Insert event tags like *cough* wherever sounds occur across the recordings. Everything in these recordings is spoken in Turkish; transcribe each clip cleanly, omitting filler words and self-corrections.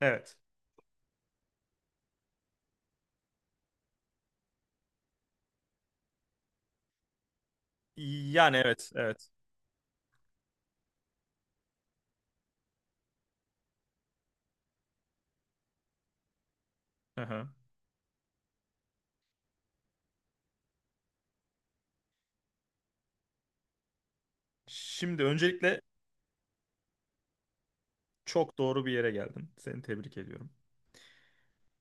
Evet. Yani evet, evet. Hı. Şimdi öncelikle çok doğru bir yere geldin. Seni tebrik ediyorum.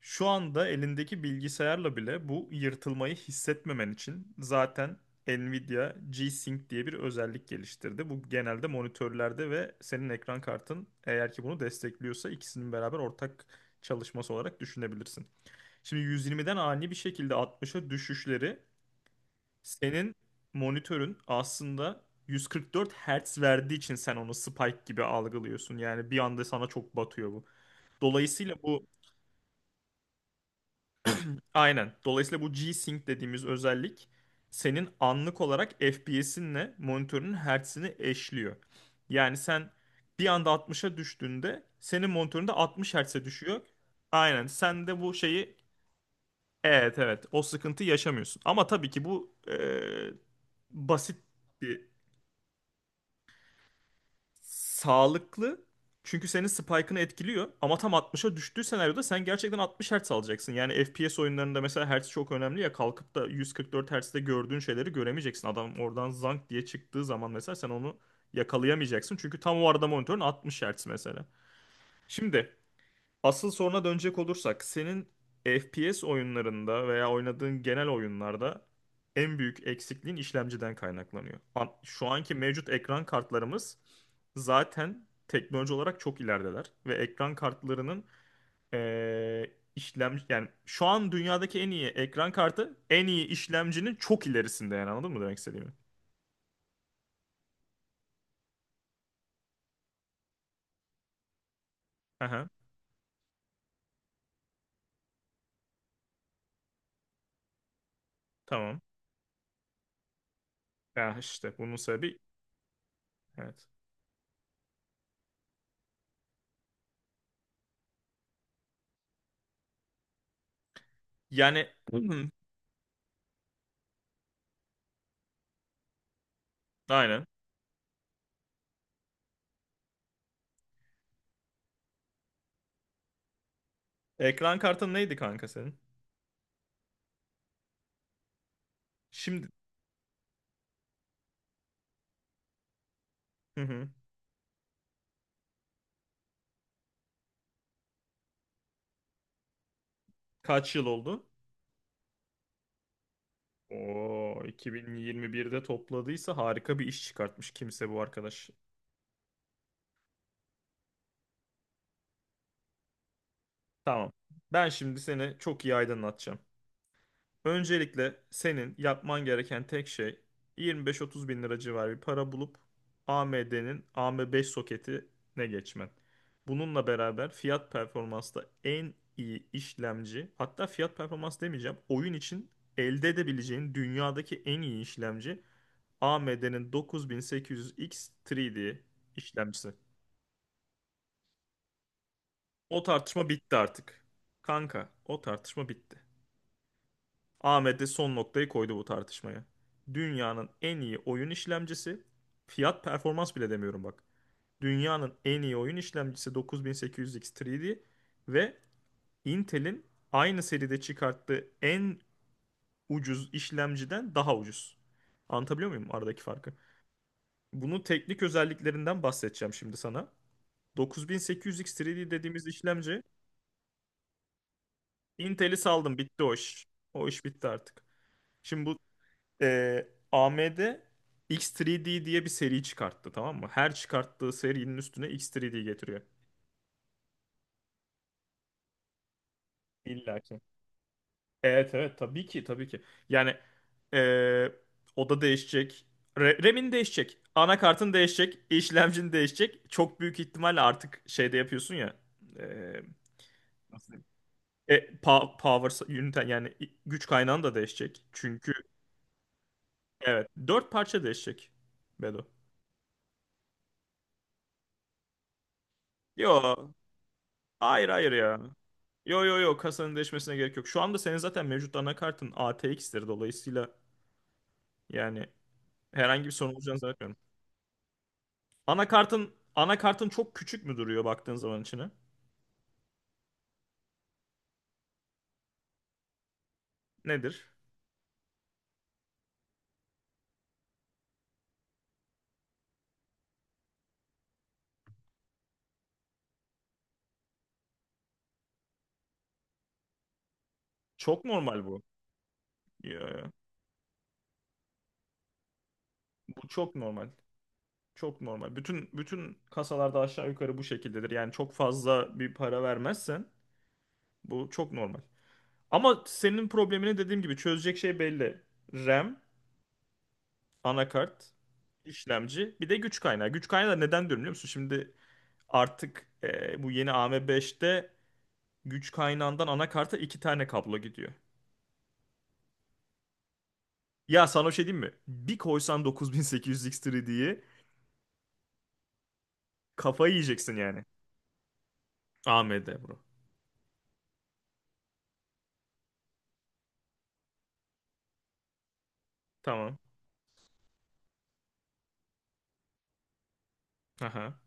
Şu anda elindeki bilgisayarla bile bu yırtılmayı hissetmemen için zaten Nvidia G-Sync diye bir özellik geliştirdi. Bu genelde monitörlerde ve senin ekran kartın eğer ki bunu destekliyorsa ikisinin beraber ortak çalışması olarak düşünebilirsin. Şimdi 120'den ani bir şekilde 60'a düşüşleri, senin monitörün aslında 144 Hz verdiği için sen onu spike gibi algılıyorsun. Yani bir anda sana çok batıyor bu. Dolayısıyla bu Aynen. Dolayısıyla bu G-Sync dediğimiz özellik senin anlık olarak FPS'inle monitörünün hertzini eşliyor. Yani sen bir anda 60'a düştüğünde senin monitöründe 60 Hz'e düşüyor. Aynen. Sen de bu şeyi, evet, evet, o sıkıntı yaşamıyorsun. Ama tabii ki bu basit bir sağlıklı. Çünkü senin spike'ını etkiliyor. Ama tam 60'a düştüğü senaryoda sen gerçekten 60 Hz alacaksın. Yani FPS oyunlarında mesela hertz çok önemli ya. Kalkıp da 144 Hz'de gördüğün şeyleri göremeyeceksin. Adam oradan zank diye çıktığı zaman mesela sen onu yakalayamayacaksın. Çünkü tam o arada monitörün 60 Hz mesela. Şimdi asıl soruna dönecek olursak senin FPS oyunlarında veya oynadığın genel oyunlarda en büyük eksikliğin işlemciden kaynaklanıyor. Şu anki mevcut ekran kartlarımız zaten teknoloji olarak çok ilerideler ve ekran kartlarının işlem yani şu an dünyadaki en iyi ekran kartı en iyi işlemcinin çok ilerisinde. Yani anladın mı demek istediğimi? Aha, tamam. Ya işte bunun sebebi, evet. Yani *clears throat* aynen. Ekran kartın neydi kanka senin? Şimdi. Hı hı. Kaç yıl oldu? Oo, 2021'de topladıysa harika bir iş çıkartmış kimse bu arkadaş. Tamam. Ben şimdi seni çok iyi aydınlatacağım. Öncelikle senin yapman gereken tek şey 25-30 bin lira civarı bir para bulup AMD'nin AM5 soketine geçmen. Bununla beraber fiyat performansta en iyi işlemci, hatta fiyat performans demeyeceğim, oyun için elde edebileceğin dünyadaki en iyi işlemci AMD'nin 9800X 3D işlemcisi. O tartışma bitti artık. Kanka, o tartışma bitti. AMD son noktayı koydu bu tartışmaya. Dünyanın en iyi oyun işlemcisi, fiyat performans bile demiyorum bak. Dünyanın en iyi oyun işlemcisi 9800X 3D ve Intel'in aynı seride çıkarttığı en ucuz işlemciden daha ucuz. Anlatabiliyor muyum aradaki farkı? Bunun teknik özelliklerinden bahsedeceğim şimdi sana. 9800X 3D dediğimiz işlemci. Intel'i saldım, bitti o iş. O iş bitti artık. Şimdi bu AMD X3D diye bir seri çıkarttı, tamam mı? Her çıkarttığı serinin üstüne X3D getiriyor. İlla ki. Evet, evet, tabii ki, tabii ki. Yani e, o da değişecek. RAM'in değişecek. Anakartın değişecek. İşlemcin değişecek. Çok büyük ihtimalle artık şeyde yapıyorsun ya. E, Power unit yani güç kaynağın da değişecek. Çünkü, evet, dört parça değişecek, Bedo. Yo, hayır, hayır ya. Yo yo yo, kasanın değişmesine gerek yok. Şu anda senin zaten mevcut anakartın ATX'tir, dolayısıyla yani herhangi bir sorun olacağını zannetmiyorum. Anakartın çok küçük mü duruyor baktığın zaman içine? Nedir? Çok normal bu. Yo, yo. Bu çok normal. Çok normal. Bütün kasalarda aşağı yukarı bu şekildedir. Yani çok fazla bir para vermezsen bu çok normal. Ama senin problemini dediğim gibi çözecek şey belli. RAM, anakart, işlemci, bir de güç kaynağı. Güç kaynağı da neden diyorum biliyor musun? Şimdi artık, bu yeni AM5'te güç kaynağından anakarta iki tane kablo gidiyor. Ya sana bir şey diyeyim mi? Bir koysan 9800 X3D'yi, kafayı yiyeceksin yani. AMD bro. Tamam. Aha.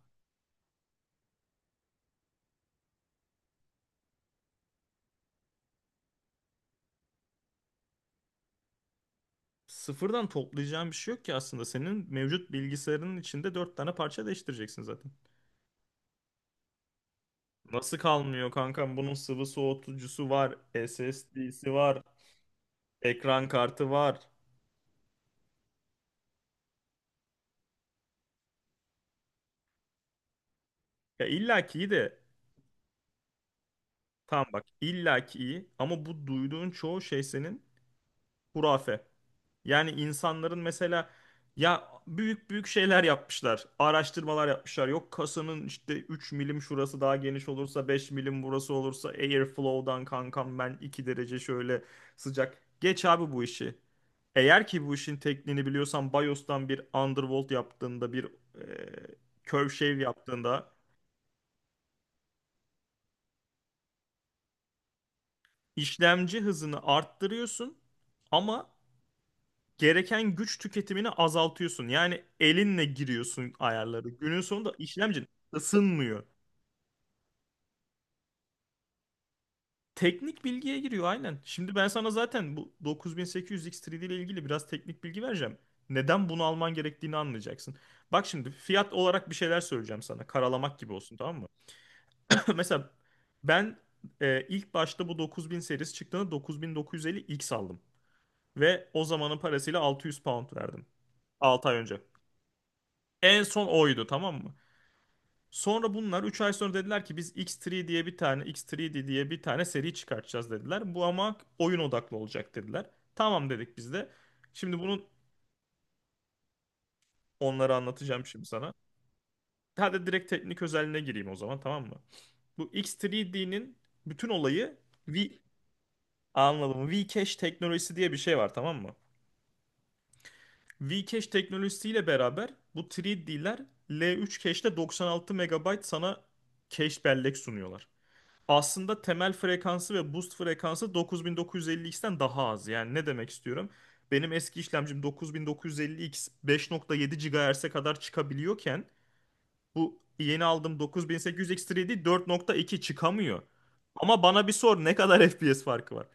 Sıfırdan toplayacağın bir şey yok ki aslında. Senin mevcut bilgisayarının içinde dört tane parça değiştireceksin zaten. Nasıl kalmıyor kankam? Bunun sıvı soğutucusu var, SSD'si var, ekran kartı var. Ya illa ki iyi de. Tamam bak, illa ki iyi, ama bu duyduğun çoğu şey senin hurafe. Yani insanların mesela ya büyük büyük şeyler yapmışlar. Araştırmalar yapmışlar. Yok kasanın işte 3 milim şurası daha geniş olursa, 5 milim burası olursa airflow'dan kankam ben 2 derece şöyle sıcak. Geç abi bu işi. Eğer ki bu işin tekniğini biliyorsan BIOS'tan bir undervolt yaptığında, bir curve shave yaptığında işlemci hızını arttırıyorsun ama gereken güç tüketimini azaltıyorsun. Yani elinle giriyorsun ayarları. Günün sonunda işlemcin ısınmıyor. Teknik bilgiye giriyor, aynen. Şimdi ben sana zaten bu 9800 X3D ile ilgili biraz teknik bilgi vereceğim. Neden bunu alman gerektiğini anlayacaksın. Bak şimdi fiyat olarak bir şeyler söyleyeceğim sana. Karalamak gibi olsun, tamam mı? *laughs* Mesela ben ilk başta bu 9000 serisi çıktığında 9950 X aldım. Ve o zamanın parasıyla £600 verdim. 6 ay önce. En son oydu, tamam mı? Sonra bunlar 3 ay sonra dediler ki biz X3 diye bir tane X3D diye bir tane seri çıkartacağız dediler. Bu ama oyun odaklı olacak dediler. Tamam dedik biz de. Şimdi bunu onlara anlatacağım şimdi sana. Hadi direkt teknik özelliğine gireyim o zaman, tamam mı? Bu X3D'nin bütün olayı. V Anladım. Vcache teknolojisi diye bir şey var, tamam mı? Vcache teknolojisiyle beraber bu 3D'ler L3 cache'de 96 megabayt sana cache bellek sunuyorlar. Aslında temel frekansı ve boost frekansı 9950X'ten daha az. Yani ne demek istiyorum? Benim eski işlemcim 9950X 5.7 GHz'e kadar çıkabiliyorken bu yeni aldığım 9800X 3D 4.2 çıkamıyor. Ama bana bir sor, ne kadar FPS farkı var?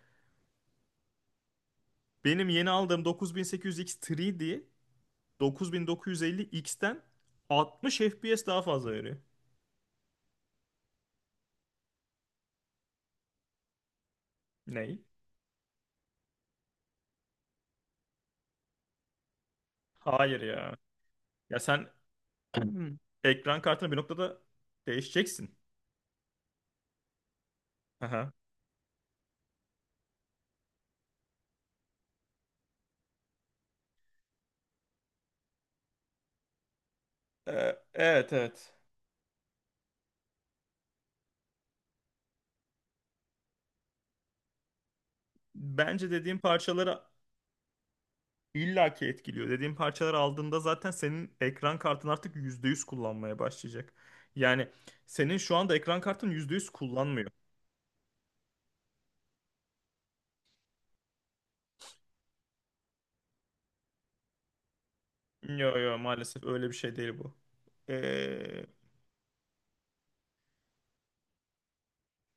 Benim yeni aldığım 9800X 3D 9950X'ten 60 FPS daha fazla veriyor. Ney? Hayır ya. Ya sen *clears throat* ekran kartını bir noktada değişeceksin. Aha. Evet, evet. Bence dediğim parçaları illaki etkiliyor. Dediğim parçaları aldığında zaten senin ekran kartın artık %100 kullanmaya başlayacak. Yani senin şu anda ekran kartın %100 kullanmıyor. Yo yo, maalesef öyle bir şey değil bu. Ee,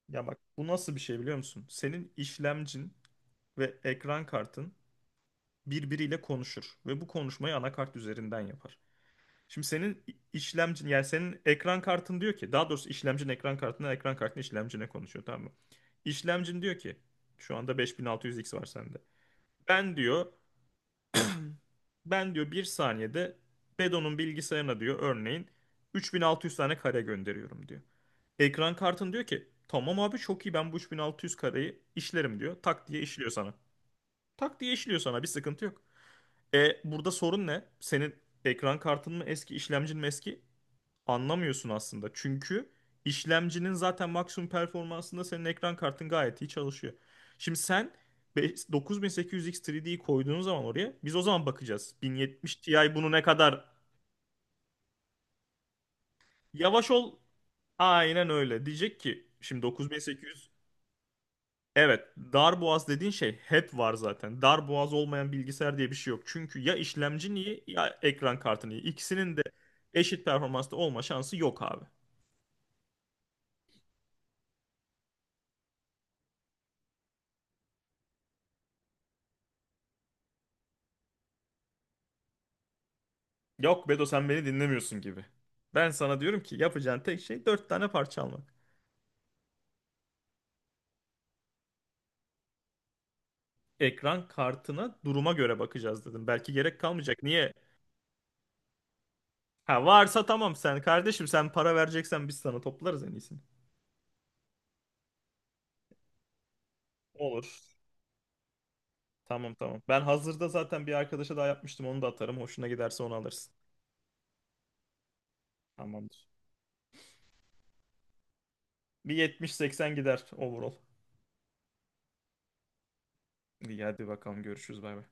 Ya bak, bu nasıl bir şey biliyor musun? Senin işlemcin ve ekran kartın birbiriyle konuşur ve bu konuşmayı anakart üzerinden yapar. Şimdi senin işlemcin, yani senin ekran kartın diyor ki, daha doğrusu işlemcin ekran kartından, ekran kartın işlemcine konuşuyor, tamam mı? İşlemcin diyor ki şu anda 5600X var sende. Ben diyor *clears throat* ben diyor bir saniyede Bedon'un bilgisayarına diyor örneğin 3600 tane kare gönderiyorum diyor. Ekran kartın diyor ki tamam abi çok iyi, ben bu 3600 kareyi işlerim diyor. Tak diye işliyor sana. Tak diye işliyor sana, bir sıkıntı yok. E, burada sorun ne? Senin ekran kartın mı eski işlemcin mi eski? Anlamıyorsun aslında. Çünkü işlemcinin zaten maksimum performansında senin ekran kartın gayet iyi çalışıyor. Şimdi sen 9800X 3D'yi koyduğun zaman oraya, biz o zaman bakacağız. 1070 Ti bunu ne kadar, yavaş ol, aynen öyle diyecek ki şimdi 9800. Evet, dar boğaz dediğin şey hep var zaten. Dar boğaz olmayan bilgisayar diye bir şey yok. Çünkü ya işlemcin iyi ya ekran kartın iyi. İkisinin de eşit performansta olma şansı yok abi. Yok Bedo, sen beni dinlemiyorsun gibi. Ben sana diyorum ki yapacağın tek şey dört tane parça almak. Ekran kartına duruma göre bakacağız dedim. Belki gerek kalmayacak. Niye? Ha varsa tamam, sen kardeşim sen para vereceksen biz sana toplarız en iyisini. Olur. Tamam, tamam. Ben hazırda zaten bir arkadaşa daha yapmıştım, onu da atarım. Hoşuna giderse onu alırsın. Tamamdır. Bir 70 80 gider overall. İyi hadi bakalım, görüşürüz, bay bay.